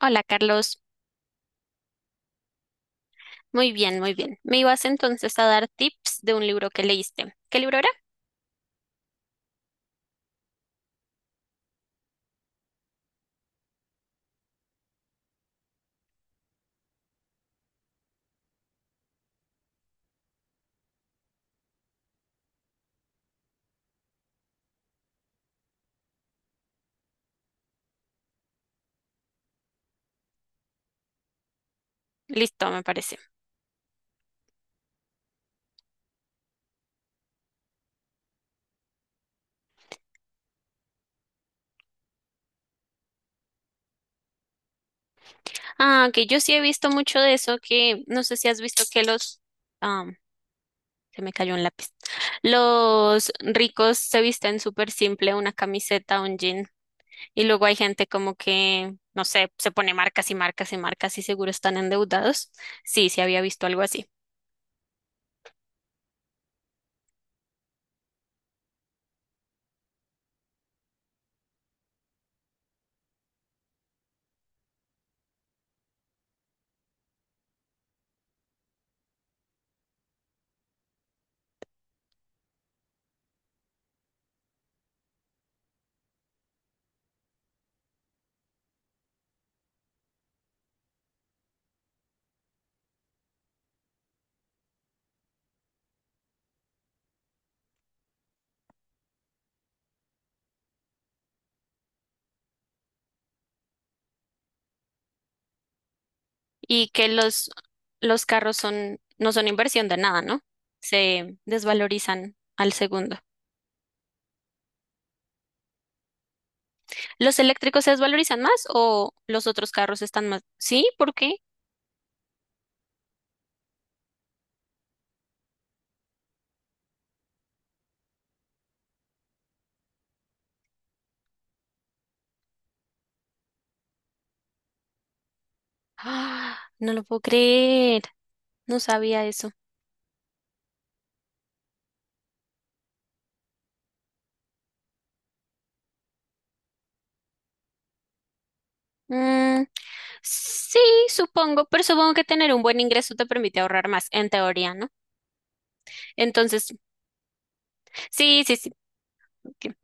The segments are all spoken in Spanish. Hola Carlos, muy bien, muy bien. Me ibas entonces a dar tips de un libro que leíste. ¿Qué libro era? Listo, me parece. Ah, que yo sí he visto mucho de eso, que no sé si has visto que los... Ah, se me cayó un lápiz. Los ricos se visten súper simple, una camiseta, un jean. Y luego hay gente como que, no sé, se pone marcas y marcas y marcas y seguro están endeudados. Sí, sí había visto algo así. Y que los carros no son inversión de nada, ¿no? Se desvalorizan al segundo. ¿Los eléctricos se desvalorizan más o los otros carros están más? Sí, ¿por qué? Ah, no lo puedo creer. No sabía eso. Mm, sí, supongo, pero supongo que tener un buen ingreso te permite ahorrar más, en teoría, ¿no? Entonces, sí. Ok.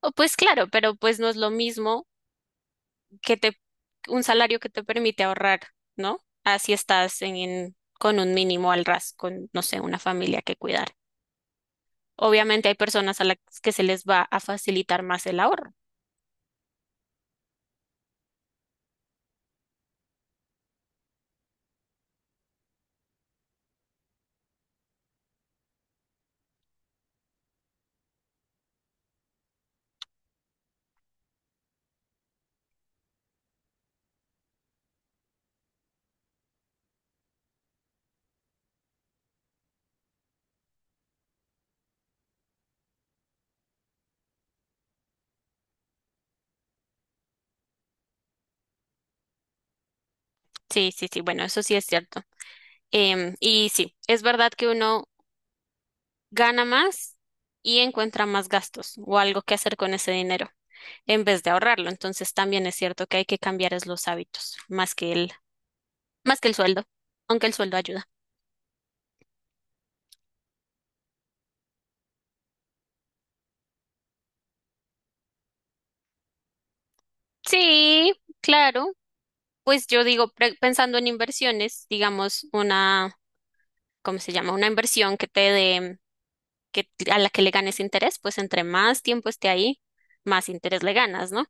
O pues claro, pero pues no es lo mismo que te, un salario que te permite ahorrar, ¿no? Así estás con un mínimo al ras, con, no sé, una familia que cuidar. Obviamente hay personas a las que se les va a facilitar más el ahorro. Sí, bueno, eso sí es cierto. Y sí, es verdad que uno gana más y encuentra más gastos o algo que hacer con ese dinero en vez de ahorrarlo. Entonces también es cierto que hay que cambiar es los hábitos más que el sueldo, aunque el sueldo ayuda. Sí, claro. Pues yo digo, pensando en inversiones, ¿cómo se llama? Una inversión que a la que le ganes interés, pues entre más tiempo esté ahí, más interés le ganas, ¿no?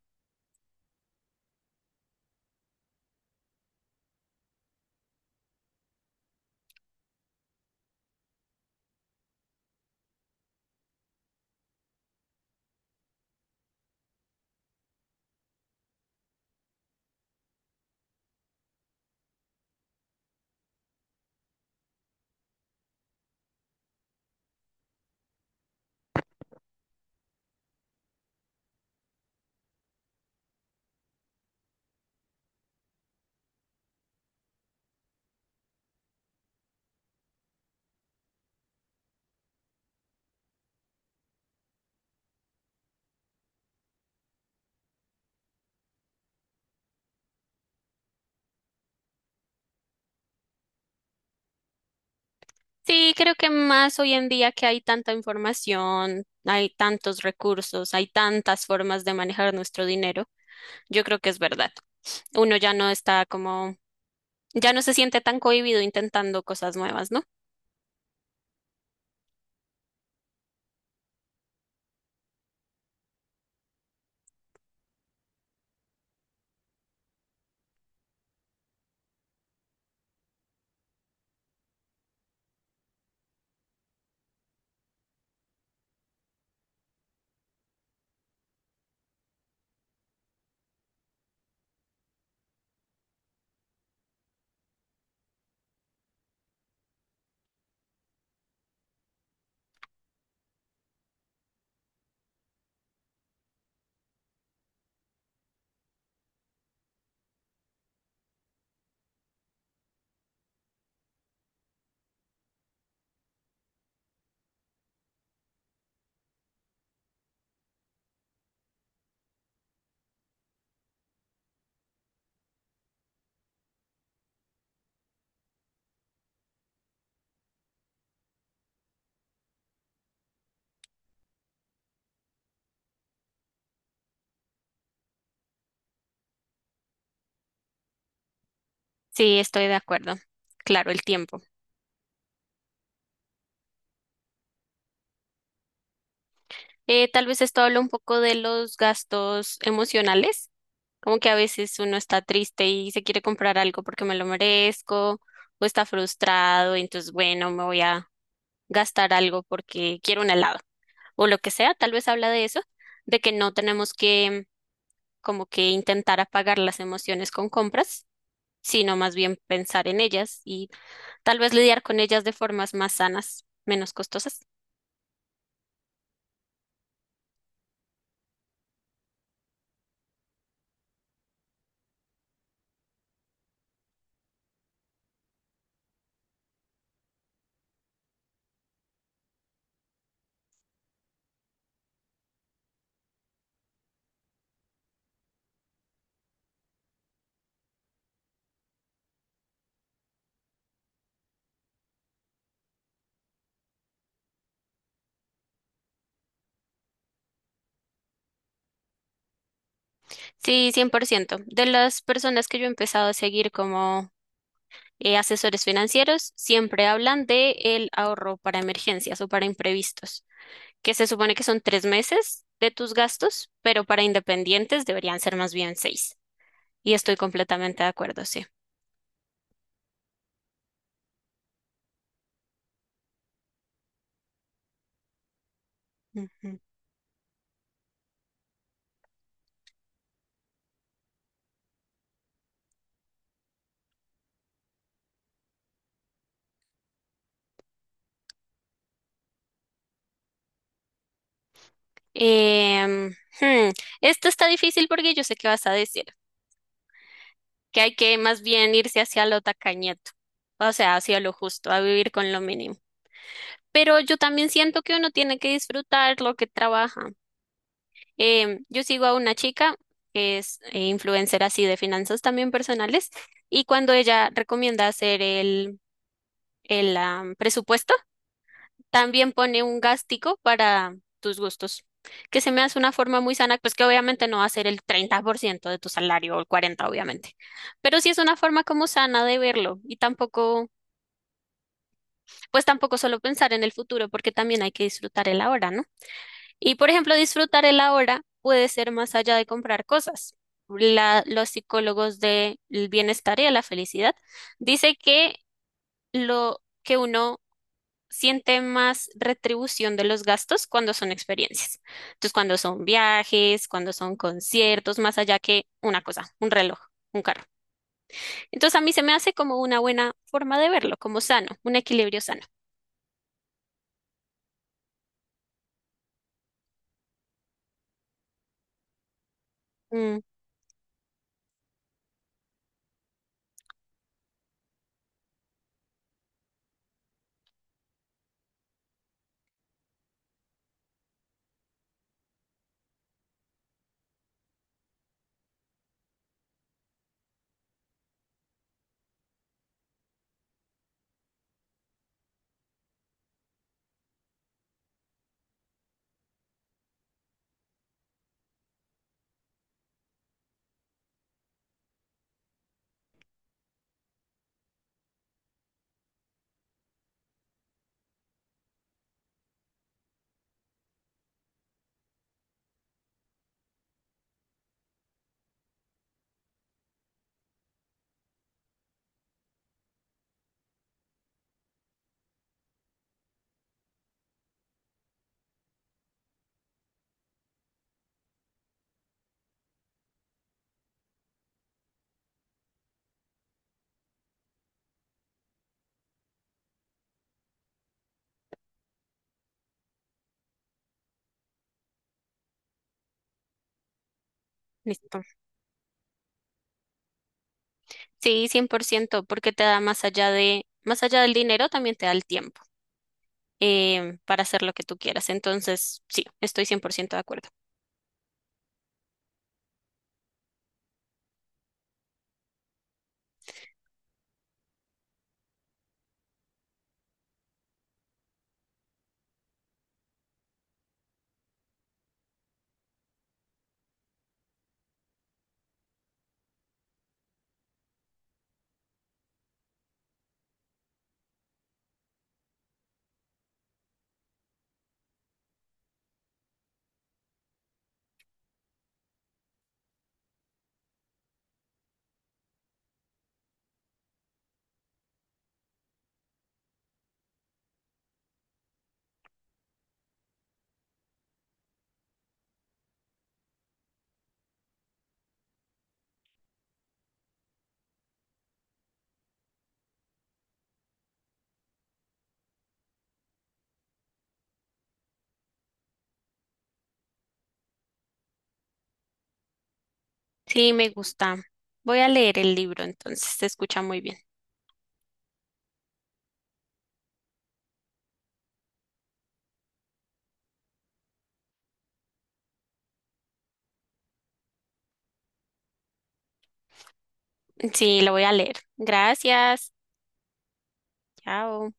Sí, creo que más hoy en día que hay tanta información, hay tantos recursos, hay tantas formas de manejar nuestro dinero, yo creo que es verdad. Uno ya no está como, ya no se siente tan cohibido intentando cosas nuevas, ¿no? Sí, estoy de acuerdo. Claro, el tiempo. Tal vez esto habla un poco de los gastos emocionales, como que a veces uno está triste y se quiere comprar algo porque me lo merezco, o está frustrado, y entonces, bueno, me voy a gastar algo porque quiero un helado o lo que sea, tal vez habla de eso, de que no tenemos que como que intentar apagar las emociones con compras, sino más bien pensar en ellas y tal vez lidiar con ellas de formas más sanas, menos costosas. Sí, 100%. De las personas que yo he empezado a seguir como asesores financieros, siempre hablan de el ahorro para emergencias o para imprevistos, que se supone que son 3 meses de tus gastos, pero para independientes deberían ser más bien seis. Y estoy completamente de acuerdo, sí. Ujú. Em, hmm, Esto está difícil porque yo sé qué vas a decir, que hay que más bien irse hacia lo tacañeto, o sea, hacia lo justo, a vivir con lo mínimo. Pero yo también siento que uno tiene que disfrutar lo que trabaja. Yo sigo a una chica que es influencer así de finanzas también personales y cuando ella recomienda el presupuesto, también pone un gástico para tus gustos, que se me hace una forma muy sana, pues que obviamente no va a ser el 30% de tu salario o el 40, obviamente, pero sí es una forma como sana de verlo y tampoco, pues tampoco solo pensar en el futuro, porque también hay que disfrutar el ahora, ¿no? Y por ejemplo, disfrutar el ahora puede ser más allá de comprar cosas. Los psicólogos del bienestar y de la felicidad dice que lo que uno sienten más retribución de los gastos cuando son experiencias. Entonces, cuando son viajes, cuando son conciertos, más allá que una cosa, un reloj, un carro. Entonces, a mí se me hace como una buena forma de verlo, como sano, un equilibrio sano. Mm, listo. Sí, 100%, porque te da más allá de, más allá del dinero, también te da el tiempo para hacer lo que tú quieras. Entonces, sí, estoy 100% de acuerdo. Sí, me gusta. Voy a leer el libro, entonces se escucha muy bien. Sí, lo voy a leer. Gracias. Chao.